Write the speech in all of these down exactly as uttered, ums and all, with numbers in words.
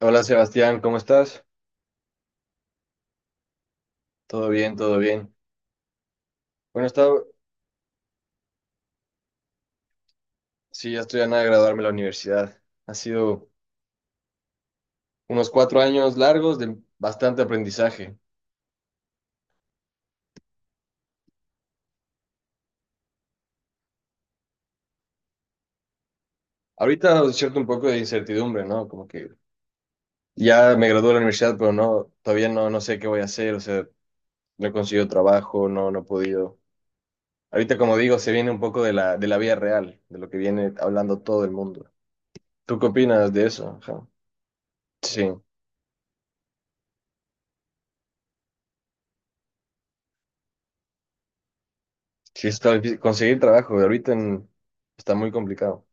Hola Sebastián, ¿cómo estás? Todo bien, todo bien. Bueno, he sí, ya estoy a nada de graduarme de la universidad. Ha sido unos cuatro años largos de bastante aprendizaje. Ahorita cierto un poco de incertidumbre, ¿no? Como que ya me gradué de la universidad, pero no, todavía no, no sé qué voy a hacer, o sea, no he conseguido trabajo, no, no he podido. Ahorita, como digo, se viene un poco de la, de la vida real, de lo que viene hablando todo el mundo. ¿Tú qué opinas de eso? Ajá. Sí, sí, está difícil. conseguir trabajo ahorita en- está muy complicado.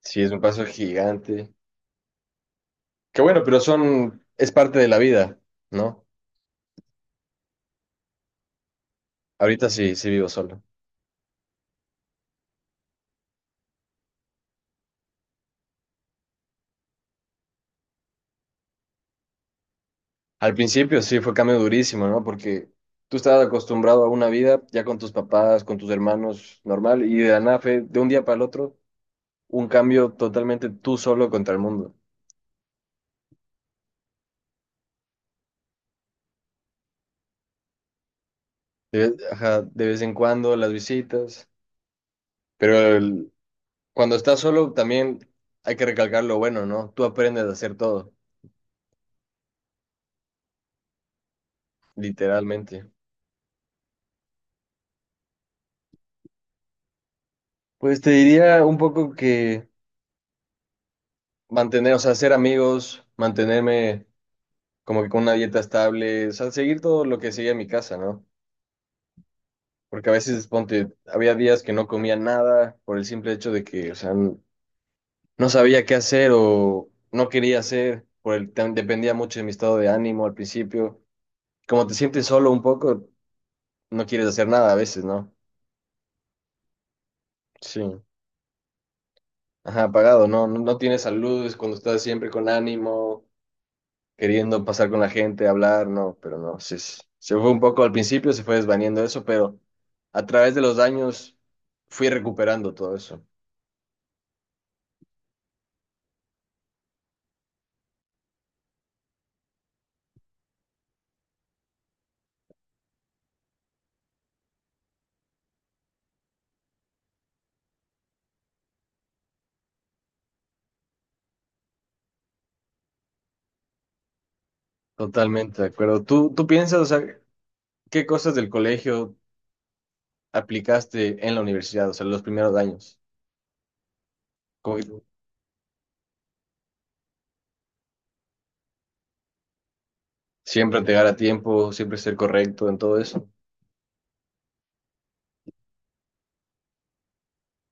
Sí, es un paso gigante. Qué bueno, pero son, es parte de la vida, ¿no? Ahorita sí, sí vivo solo. Al principio sí fue cambio durísimo, ¿no? Porque tú estabas acostumbrado a una vida ya con tus papás, con tus hermanos, normal, y de la nada fue de un día para el otro un cambio totalmente tú solo contra el mundo. De, ve- ajá, de vez en cuando las visitas, pero el- cuando estás solo también hay que recalcar lo bueno, ¿no? Tú aprendes a hacer todo, literalmente. Pues te diría un poco que... mantener, o sea, ser amigos, mantenerme como que con una dieta estable, o sea, seguir todo lo que seguía en mi casa, ¿no? Porque a veces, ponte, había días que no comía nada por el simple hecho de que, o sea, n- no sabía qué hacer o no quería hacer, por el, tam- dependía mucho de mi estado de ánimo al principio. Como te sientes solo un poco, no quieres hacer nada a veces, ¿no? Sí. Ajá, apagado, ¿no? No, no tienes salud, es cuando estás siempre con ánimo, queriendo pasar con la gente, hablar, no, pero no, se, se fue un poco al principio, se fue desvaniendo eso, pero a través de los años fui recuperando todo eso. Totalmente de acuerdo. ¿Tú, tú piensas, o sea, qué cosas del colegio aplicaste en la universidad, o sea, los primeros años? Como siempre llegar a tiempo, siempre ser correcto en todo eso.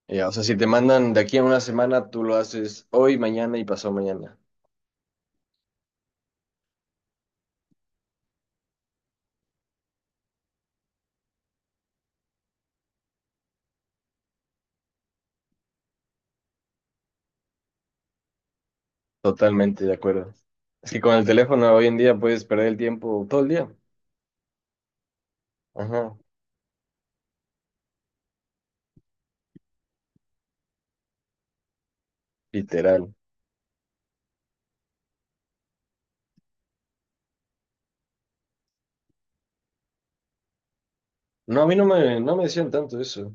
Ya, o sea, si te mandan de aquí a una semana, tú lo haces hoy, mañana y pasado mañana. Totalmente de acuerdo. Es que con el teléfono hoy en día puedes perder el tiempo todo el día. Ajá. Literal. No, a mí no me, no me decían tanto eso.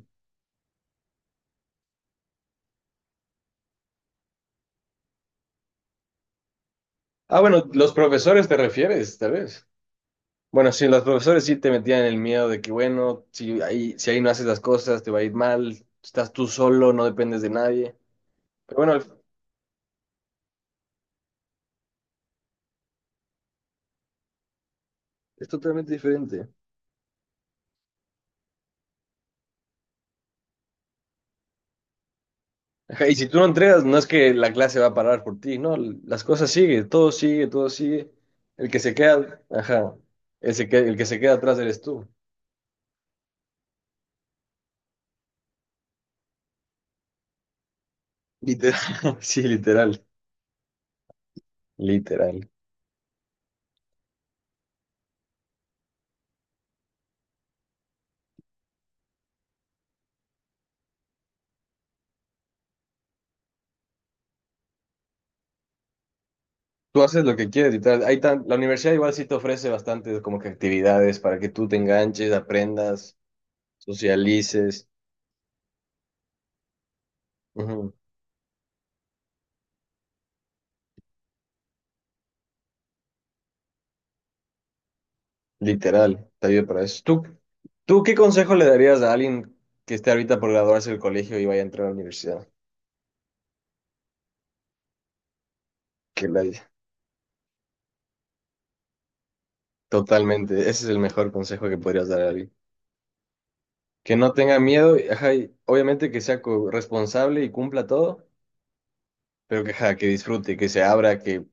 Ah, bueno, los profesores te refieres, tal vez. Bueno, sí, los profesores sí te metían el miedo de que, bueno, si ahí, si ahí no haces las cosas, te va a ir mal, estás tú solo, no dependes de nadie. Pero bueno, es totalmente diferente. Ajá, y si tú no entregas, no es que la clase va a parar por ti, no, las cosas siguen, todo sigue, todo sigue. El que se queda, ajá, el, se que- el que se queda atrás eres tú. Literal, sí, literal, literal. Tú haces lo que quieres y tal. Hay tan, la universidad igual sí te ofrece bastantes como que actividades para que tú te enganches, aprendas, socialices. Ujú. Literal, te ayuda para eso. ¿Tú, tú qué consejo le darías a alguien que esté ahorita por graduarse del colegio y vaya a entrar a la universidad? Que la, totalmente, ese es el mejor consejo que podrías dar a alguien. Que no tenga miedo, y, ajá, y obviamente que sea co- responsable y cumpla todo, pero que, ajá, que disfrute, que se abra, que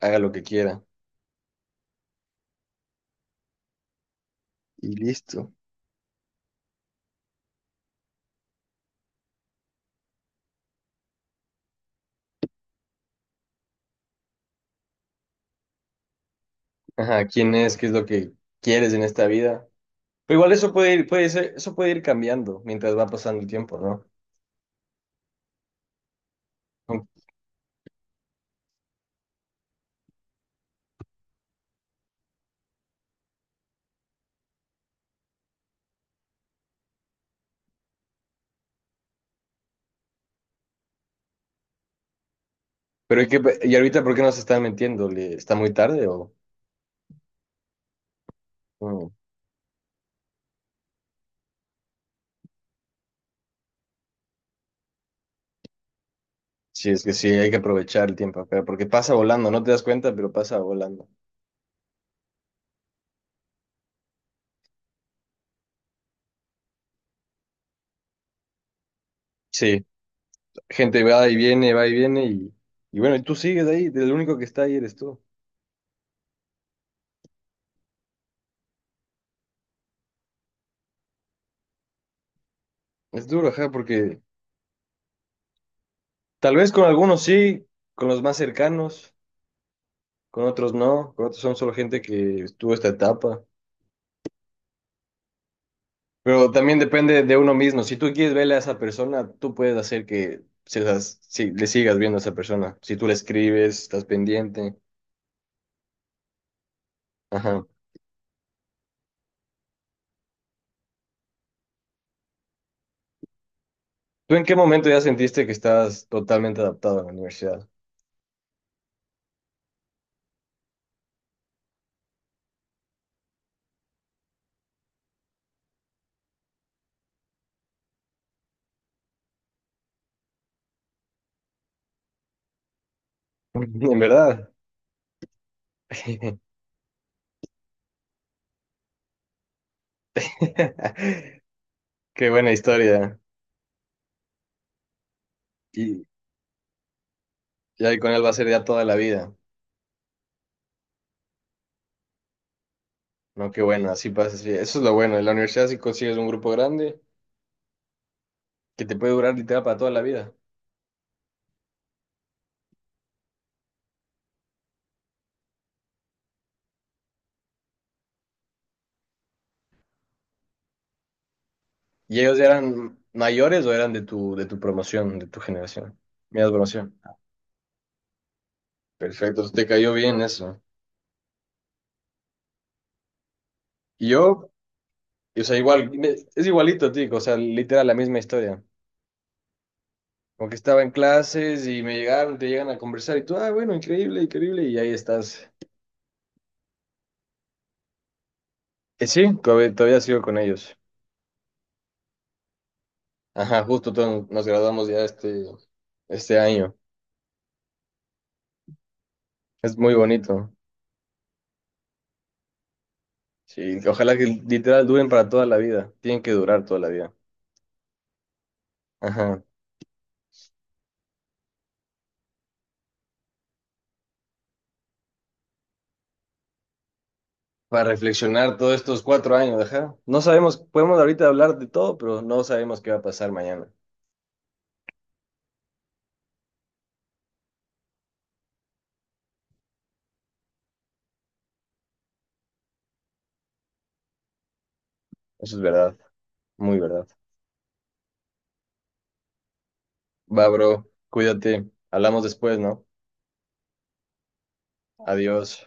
haga lo que quiera. Y listo. Ajá, quién es, qué es lo que quieres en esta vida. Pero igual eso puede ir, puede ser, eso puede ir cambiando mientras va pasando el tiempo, ¿no? Pero hay que, y ahorita, ¿por qué nos están mintiendo? ¿Le- Está muy tarde o no? Sí, es que sí, hay que aprovechar el tiempo acá, porque pasa volando, no te das cuenta, pero pasa volando. Sí, gente va y viene, va y viene, y, y bueno, y tú sigues ahí, el único que está ahí eres tú. Es duro, ajá, porque tal vez con algunos sí, con los más cercanos, con otros no, con otros son solo gente que estuvo esta etapa. Pero también depende de uno mismo. Si tú quieres verle a esa persona, tú puedes hacer que seas- si le sigas viendo a esa persona. Si tú le escribes, estás pendiente. Ajá. ¿Tú en qué momento ya sentiste que estás totalmente adaptado a la universidad? En verdad. Qué buena historia. Y ya con él va a ser ya toda la vida. No, qué bueno, así pasa. Sí. Eso es lo bueno. En la universidad si consigues un grupo grande que te puede durar literal para toda la vida. ¿Y ellos eran mayores o eran de tu, de tu promoción, de tu generación? Mira, promoción. Perfecto, te cayó bien eso. Y yo, o sea, igual, me- es igualito, tico o sea, literal, la misma historia. Como que estaba en clases y me llegaron, te llegan a conversar y tú, ah, bueno, increíble, increíble, y ahí estás. Eh, sí, todavía, todavía sigo con ellos. Ajá, justo todos nos graduamos ya este, este año. Es muy bonito. Sí, ojalá que literal duren para toda la vida. Tienen que durar toda la vida. Ajá, para reflexionar todos estos cuatro años, ajá. No sabemos, podemos ahorita hablar de todo, pero no sabemos qué va a pasar mañana. Eso es verdad, muy verdad. Va, bro, cuídate. Hablamos después, ¿no? Adiós.